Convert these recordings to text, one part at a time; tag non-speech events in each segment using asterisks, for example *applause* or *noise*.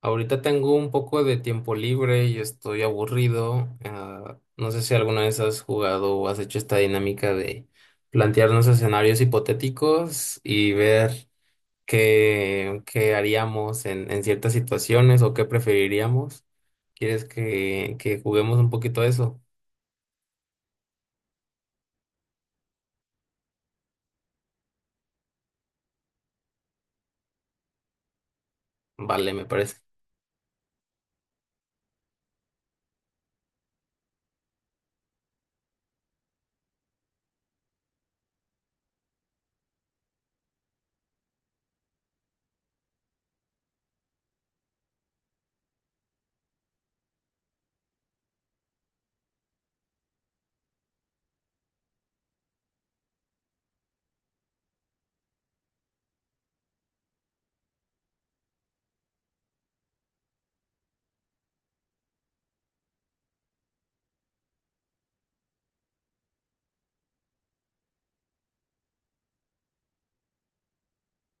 Ahorita tengo un poco de tiempo libre y estoy aburrido. No sé si alguna vez has jugado o has hecho esta dinámica de plantearnos escenarios hipotéticos y ver qué haríamos en ciertas situaciones o qué preferiríamos. ¿Quieres que juguemos un poquito a eso? Vale, me parece.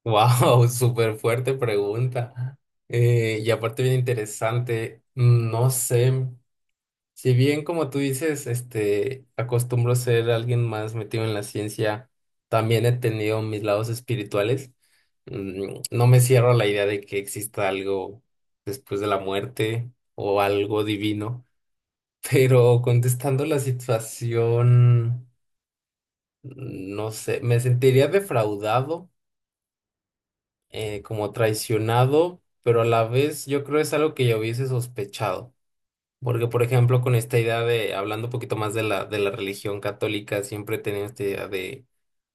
Wow, *laughs* súper fuerte pregunta. Y aparte bien interesante. No sé. Si bien, como tú dices, este, acostumbro ser alguien más metido en la ciencia, también he tenido mis lados espirituales. No me cierro a la idea de que exista algo después de la muerte o algo divino, *laughs* pero contestando la situación, no sé, me sentiría defraudado, como traicionado, pero a la vez yo creo es algo que ya hubiese sospechado. Porque, por ejemplo, con esta idea de, hablando un poquito más de la religión católica, siempre he tenido esta idea de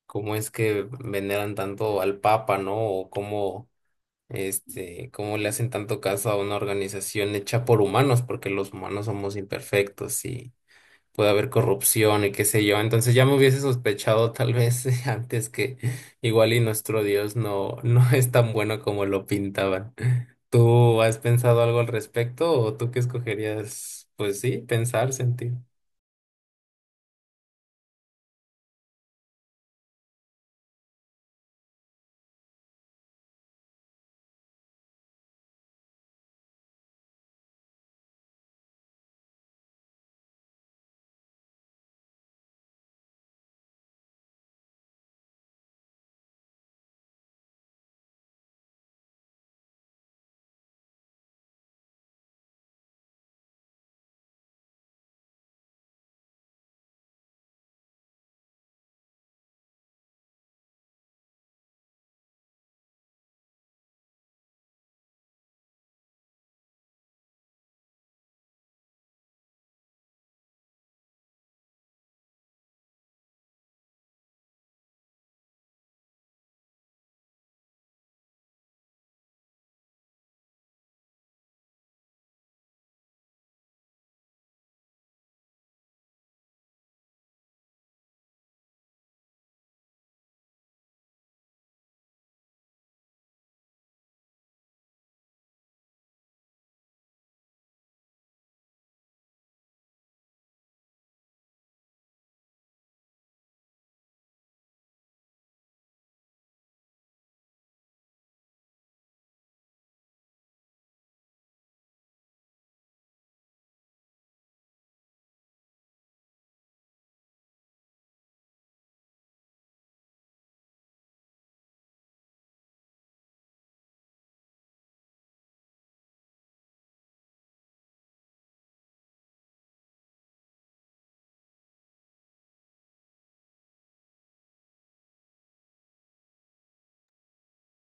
cómo es que veneran tanto al Papa, ¿no? O cómo, este, cómo le hacen tanto caso a una organización hecha por humanos, porque los humanos somos imperfectos y puede haber corrupción y qué sé yo. Entonces ya me hubiese sospechado tal vez *laughs* antes que igual y nuestro Dios no, *laughs* no es tan bueno como lo pintaban. ¿Tú has pensado algo al respecto o tú qué escogerías? Pues sí, pensar, sentir.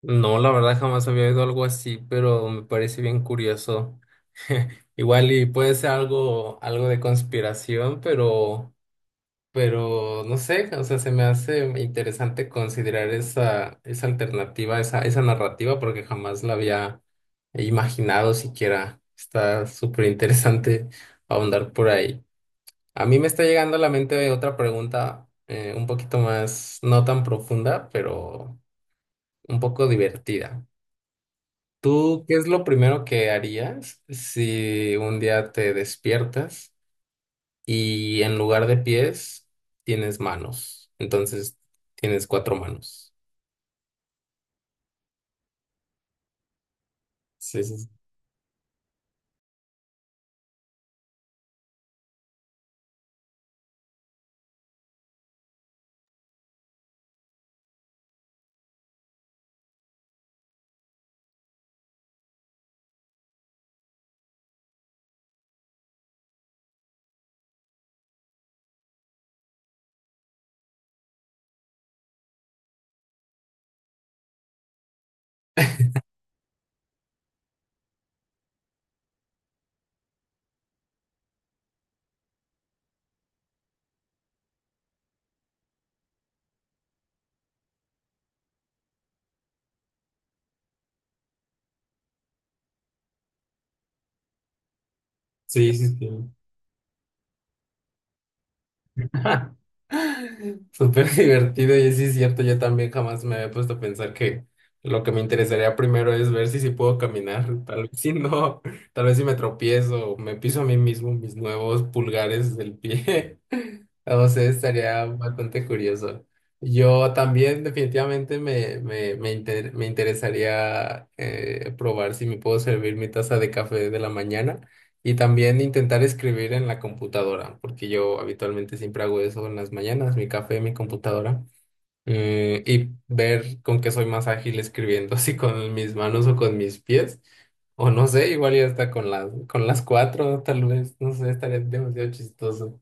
No, la verdad jamás había oído algo así, pero me parece bien curioso. *laughs* Igual y puede ser algo, algo de conspiración, pero no sé, o sea, se me hace interesante considerar esa alternativa, esa narrativa, porque jamás la había imaginado siquiera. Está súper interesante ahondar por ahí. A mí me está llegando a la mente otra pregunta, un poquito más, no tan profunda, pero un poco divertida. ¿Tú qué es lo primero que harías si un día te despiertas y en lugar de pies tienes manos? Entonces tienes cuatro manos. Sí, sí, sí, sí, sí, sí. *laughs* Súper divertido, y sí es cierto, yo también jamás me había puesto a pensar que lo que me interesaría primero es ver si sí puedo caminar. Tal vez si no, *laughs* tal vez si me tropiezo o me piso a mí mismo mis nuevos pulgares del pie, *laughs* o sea, estaría bastante curioso. Yo también definitivamente me interesaría probar si me puedo servir mi taza de café de la mañana. Y también intentar escribir en la computadora, porque yo habitualmente siempre hago eso en las mañanas, mi café, mi computadora, y ver con qué soy más ágil escribiendo, *laughs* si con mis manos o con mis pies, o no sé, igual ya hasta con las cuatro, tal vez, no sé, estaría demasiado chistoso.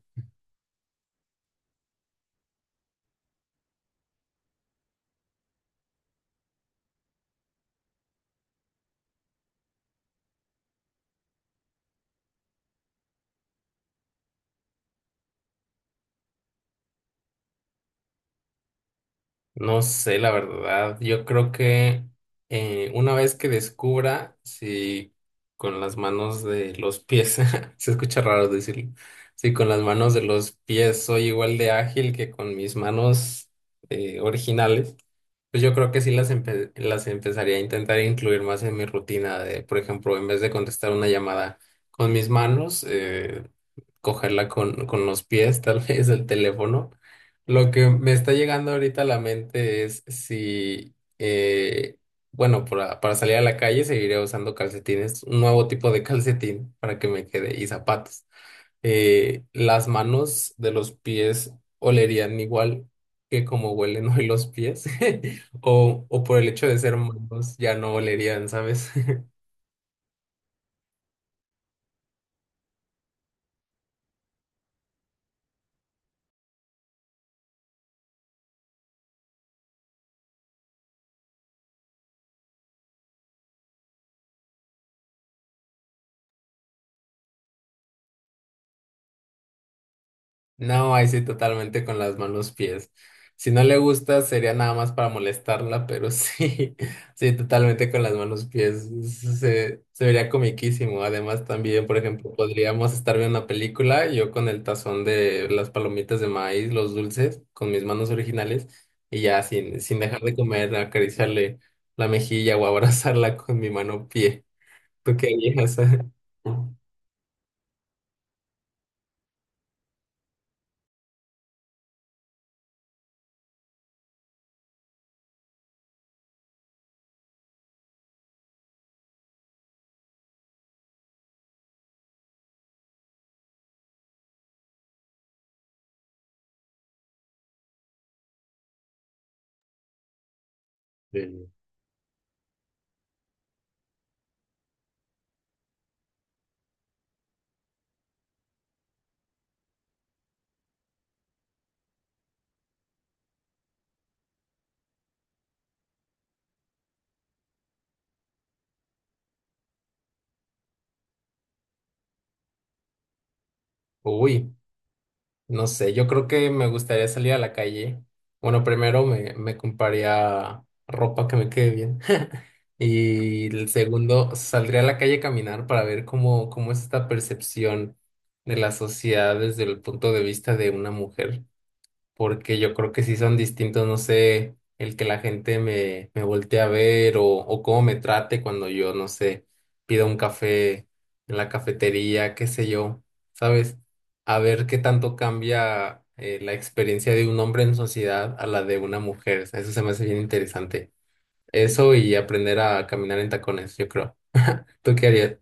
No sé, la verdad. Yo creo que una vez que descubra si con las manos de los pies, *laughs* se escucha raro decirlo, si con las manos de los pies soy igual de ágil que con mis manos originales, pues yo creo que sí las, empe- las empezaría a intentar incluir más en mi rutina de, por ejemplo, en vez de contestar una llamada con mis manos, cogerla con los pies, *laughs* tal vez el teléfono. Lo que me está llegando ahorita a la mente es si, bueno, para salir a la calle seguiré usando calcetines, un nuevo tipo de *laughs* calcetín para que me quede y zapatos. Las manos de los pies olerían igual que como huelen *laughs* hoy los pies, *laughs* o por el hecho de ser manos ya no olerían, ¿sabes? No, ahí sí totalmente con las manos pies. Si no le gusta, sería nada más para molestarla, pero sí, *laughs* sí, totalmente con las manos pies. Se vería comiquísimo. Además, también, por ejemplo, podríamos estar viendo una película, yo con el tazón de las palomitas de maíz, los dulces, con mis manos originales, y ya sin, sin dejar de comer, acariciarle la mejilla o abrazarla con mi mano pie. ¿Tú qué harías? *laughs* Sí. Uy. No sé, yo creo que me gustaría salir a la calle. Bueno, primero me compraría ropa que me quede bien. *laughs* Y el segundo, saldría a la calle a caminar para ver cómo, cómo es esta percepción de la sociedad desde el punto de vista de una mujer, porque yo creo que sí son distintos, no sé, el que la gente me, me voltee a ver o cómo me trate cuando yo, no sé, pido un café en la cafetería, qué sé yo, ¿sabes? A ver qué tanto cambia la experiencia de un hombre en sociedad a la de una mujer. O sea, eso se me hace bien interesante. Eso y aprender a caminar en tacones, yo creo. ¿Tú qué harías?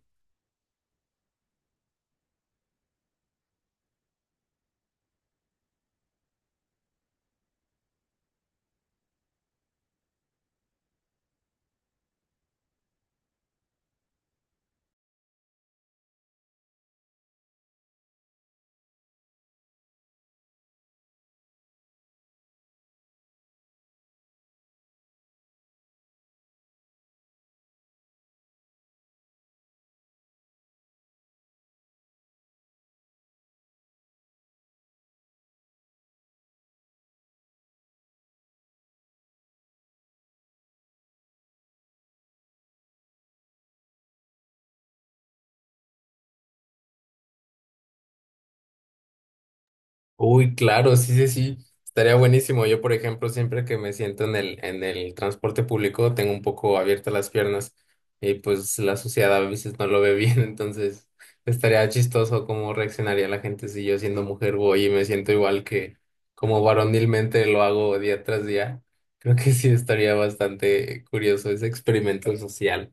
Uy, claro, sí, sí, sí, estaría buenísimo. Yo, por ejemplo, siempre que me siento en el transporte público, tengo un poco abiertas las piernas, y pues la sociedad a veces no lo ve bien, *laughs* entonces estaría chistoso cómo reaccionaría la gente si yo siendo mujer voy y me siento igual que como varonilmente lo hago día tras día. Creo que sí estaría bastante curioso ese experimento social.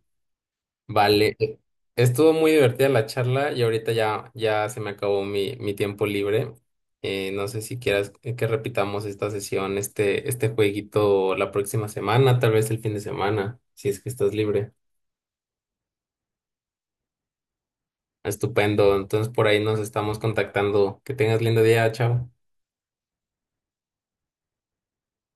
Vale, e- estuvo muy divertida la charla y ahorita ya, ya se me acabó mi, mi tiempo libre. No sé si quieras que repitamos esta sesión, este jueguito la próxima semana, tal vez el fin de semana, si es que estás libre. Estupendo, entonces por ahí nos estamos contactando. Que tengas lindo día, chao.